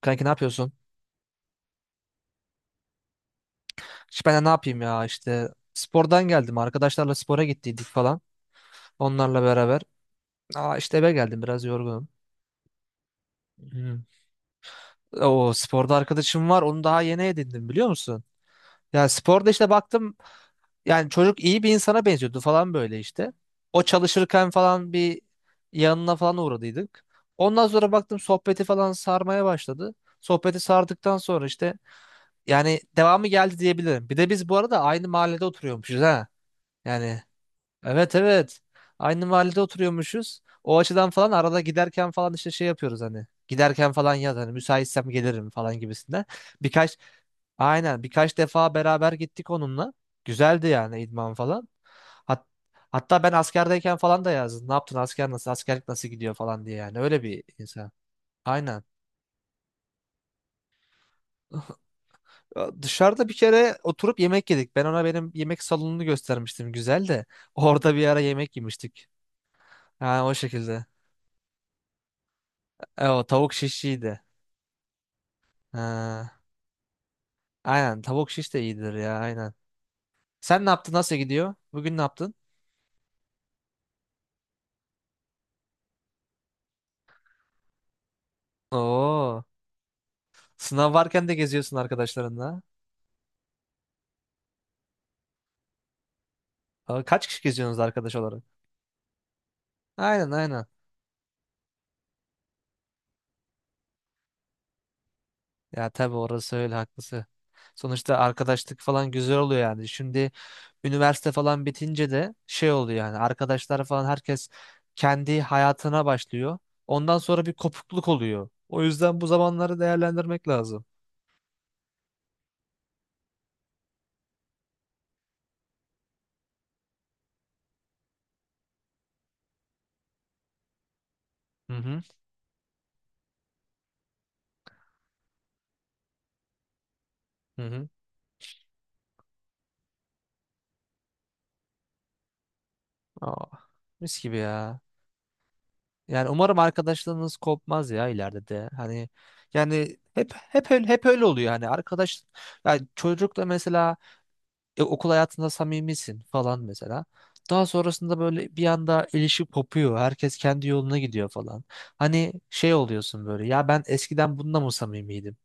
Kanki ne yapıyorsun? İşte ben de ne yapayım ya işte spordan geldim. Arkadaşlarla spora gittiydik falan. Onlarla beraber. Aa işte eve geldim, biraz yorgunum. Hmm. O sporda arkadaşım var. Onu daha yeni edindim, biliyor musun? Ya sporda işte baktım, yani çocuk iyi bir insana benziyordu falan, böyle işte. O çalışırken falan bir yanına falan uğradıydık. Ondan sonra baktım sohbeti falan sarmaya başladı. Sohbeti sardıktan sonra işte yani devamı geldi diyebilirim. Bir de biz bu arada aynı mahallede oturuyormuşuz ha. Yani. Evet, evet. Aynı mahallede oturuyormuşuz. O açıdan falan arada giderken falan işte şey yapıyoruz hani. Giderken falan yaz, hani müsaitsem gelirim falan gibisinden. Birkaç aynen, birkaç defa beraber gittik onunla. Güzeldi yani, idman falan. Hat- Hatta ben askerdeyken falan da yazdım. Ne yaptın asker, nasıl askerlik nasıl gidiyor falan diye; yani öyle bir insan. Aynen. Ya dışarıda bir kere oturup yemek yedik. Ben ona benim yemek salonunu göstermiştim, güzel de. Orada bir ara yemek yemiştik. Ha, o şekilde. O tavuk şiş iyiydi. Ha. Aynen, tavuk şiş de iyidir ya, aynen. Sen ne yaptın? Nasıl gidiyor? Bugün ne yaptın? Oo. Sınav varken de geziyorsun arkadaşlarınla. Aa, kaç kişi geziyorsunuz arkadaş olarak? Aynen, aynen. Ya tabii, orası öyle, haklısın. Sonuçta arkadaşlık falan güzel oluyor yani. Şimdi üniversite falan bitince de şey oluyor yani, arkadaşlar falan herkes kendi hayatına başlıyor. Ondan sonra bir kopukluk oluyor. O yüzden bu zamanları değerlendirmek lazım. Hı hı. Hı hı. Aa, mis gibi ya. Yani umarım arkadaşlığınız kopmaz ya ileride de. Hani yani hep öyle, hep öyle oluyor yani, arkadaş yani çocukla mesela, okul hayatında samimisin falan mesela. Daha sonrasında böyle bir anda ilişki kopuyor. Herkes kendi yoluna gidiyor falan. Hani şey oluyorsun böyle, ya ben eskiden bununla mı samimiydim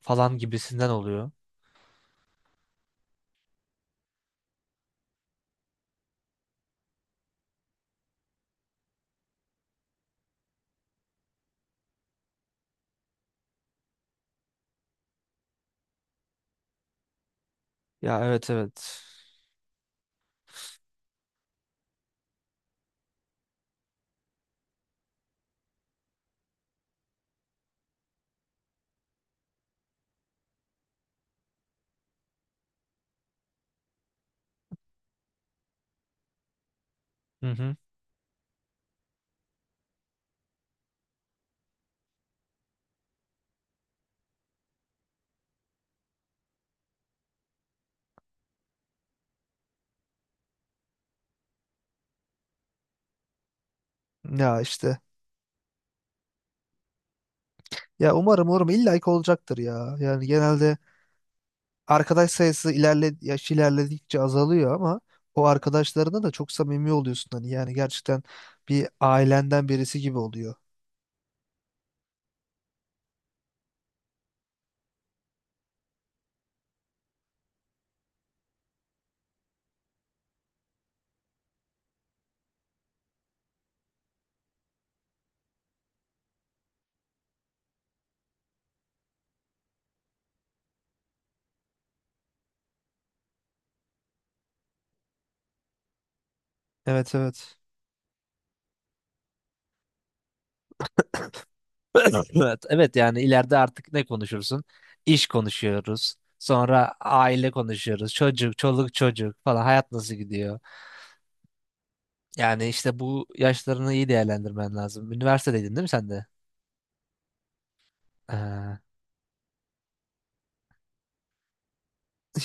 falan gibisinden oluyor. Ya evet, evet. Hı hı. Ya işte. Ya umarım, umarım, illa ki olacaktır ya. Yani genelde arkadaş sayısı yaş ilerledikçe azalıyor ama o arkadaşlarına da çok samimi oluyorsun hani, yani gerçekten bir ailenden birisi gibi oluyor. Evet, evet. Evet, evet, evet yani ileride artık ne konuşursun? İş konuşuyoruz. Sonra aile konuşuyoruz. Çocuk, çoluk, çocuk falan. Hayat nasıl gidiyor? Yani işte bu yaşlarını iyi değerlendirmen lazım. Üniversitedeydin değil mi sen de? Ee,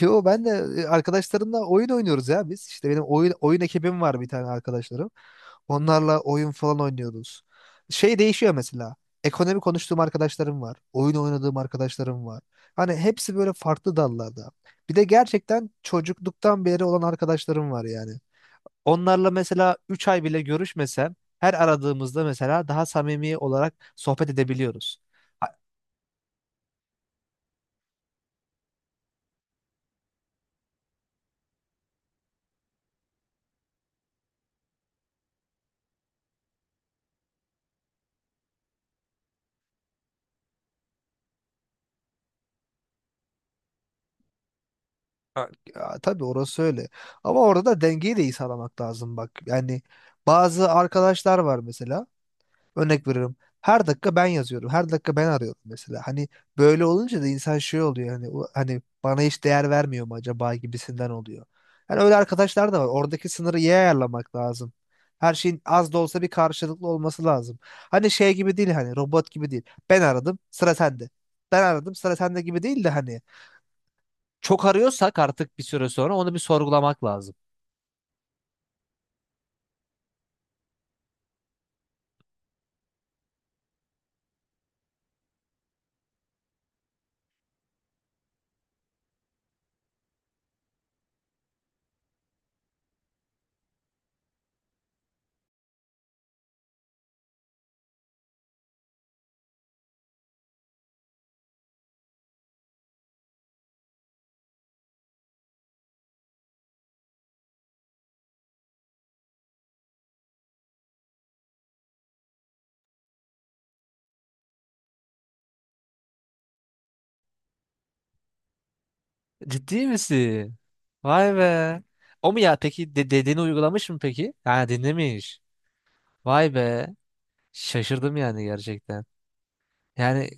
yo, ben de arkadaşlarımla oyun oynuyoruz ya biz. İşte benim oyun ekibim var, bir tane arkadaşlarım. Onlarla oyun falan oynuyoruz. Şey değişiyor mesela. Ekonomi konuştuğum arkadaşlarım var. Oyun oynadığım arkadaşlarım var. Hani hepsi böyle farklı dallarda. Bir de gerçekten çocukluktan beri olan arkadaşlarım var yani. Onlarla mesela 3 ay bile görüşmesem her aradığımızda mesela daha samimi olarak sohbet edebiliyoruz. Ha, ya, tabii orası öyle. Ama orada da dengeyi de iyi sağlamak lazım bak. Yani bazı arkadaşlar var mesela. Örnek veriyorum. Her dakika ben yazıyorum. Her dakika ben arıyorum mesela. Hani böyle olunca da insan şey oluyor. Hani, hani bana hiç değer vermiyor mu" acaba gibisinden oluyor. Yani öyle arkadaşlar da var. Oradaki sınırı iyi ayarlamak lazım. Her şeyin az da olsa bir karşılıklı olması lazım. Hani şey gibi değil, hani robot gibi değil. Ben aradım, sıra sende. Ben aradım, sıra sende gibi değil de hani, çok arıyorsak artık bir süre sonra onu bir sorgulamak lazım. Ciddi misin? Vay be. O mu ya? Peki de, dediğini uygulamış mı peki? Ha, dinlemiş. Vay be. Şaşırdım yani, gerçekten. Yani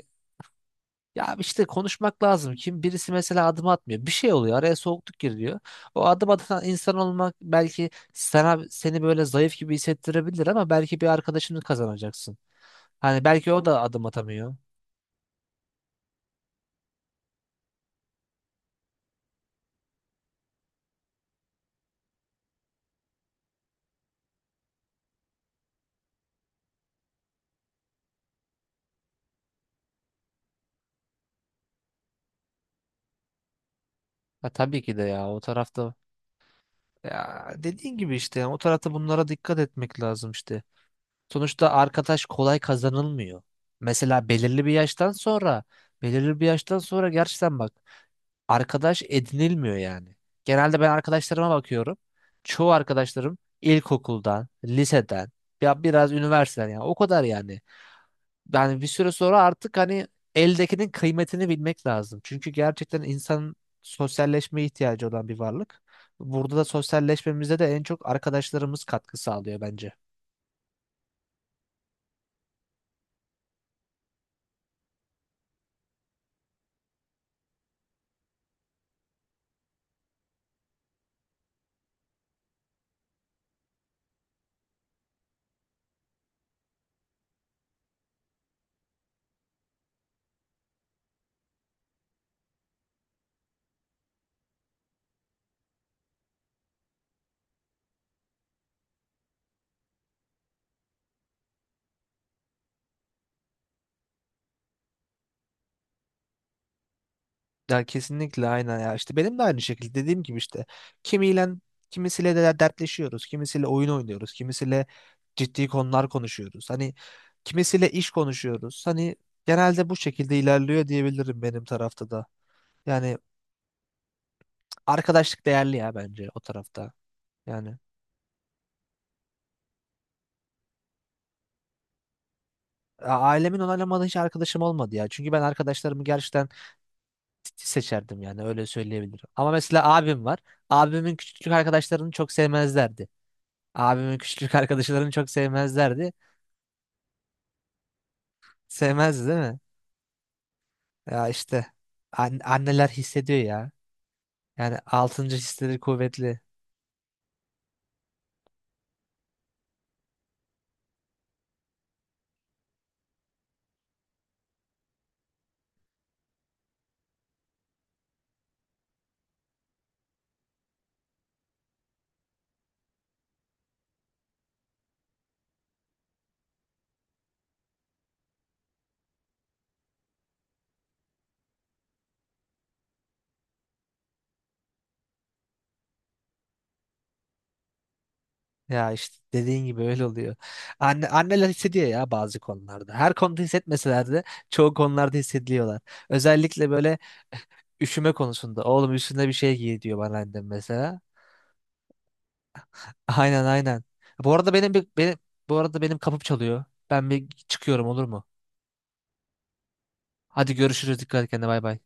ya, işte konuşmak lazım. Kim birisi mesela adım atmıyor. Bir şey oluyor. Araya soğukluk giriyor. O adım atan insan olmak belki seni böyle zayıf gibi hissettirebilir ama belki bir arkadaşını kazanacaksın. Hani belki o da adım atamıyor. Ha, tabii ki de ya, o tarafta. Ya dediğin gibi işte, yani o tarafta bunlara dikkat etmek lazım işte. Sonuçta arkadaş kolay kazanılmıyor. Mesela belirli bir yaştan sonra gerçekten bak, arkadaş edinilmiyor yani. Genelde ben arkadaşlarıma bakıyorum. Çoğu arkadaşlarım ilkokuldan, liseden, ya biraz üniversiteden, yani o kadar. Yani bir süre sonra artık hani eldekinin kıymetini bilmek lazım. Çünkü gerçekten insan sosyalleşmeye ihtiyacı olan bir varlık. Burada da sosyalleşmemize de en çok arkadaşlarımız katkı sağlıyor bence. Ya kesinlikle, aynen ya. İşte benim de aynı şekilde dediğim gibi işte, kimiyle kimisiyle de dertleşiyoruz, kimisiyle oyun oynuyoruz, kimisiyle ciddi konular konuşuyoruz. Hani kimisiyle iş konuşuyoruz. Hani genelde bu şekilde ilerliyor diyebilirim benim tarafta da. Yani arkadaşlık değerli ya, bence o tarafta. Yani, ailemin onaylamadığı hiç arkadaşım olmadı ya. Çünkü ben arkadaşlarımı gerçekten titiz seçerdim, yani öyle söyleyebilirim. Ama mesela abim var. Abimin küçüklük arkadaşlarını çok sevmezlerdi. Abimin küçüklük arkadaşlarını çok sevmezlerdi. Sevmezdi değil mi? Ya işte, anneler hissediyor ya. Yani altıncı hisleri kuvvetli. Ya işte dediğin gibi öyle oluyor. Anneler hissediyor ya bazı konularda. Her konuda hissetmeseler de çoğu konularda hissediyorlar. Özellikle böyle üşüme konusunda. Oğlum üstüne bir şey giy diyor bana annem mesela. Aynen, aynen. Bu arada, benim kapım çalıyor. Ben bir çıkıyorum, olur mu? Hadi görüşürüz. Dikkat et kendine, bay bay.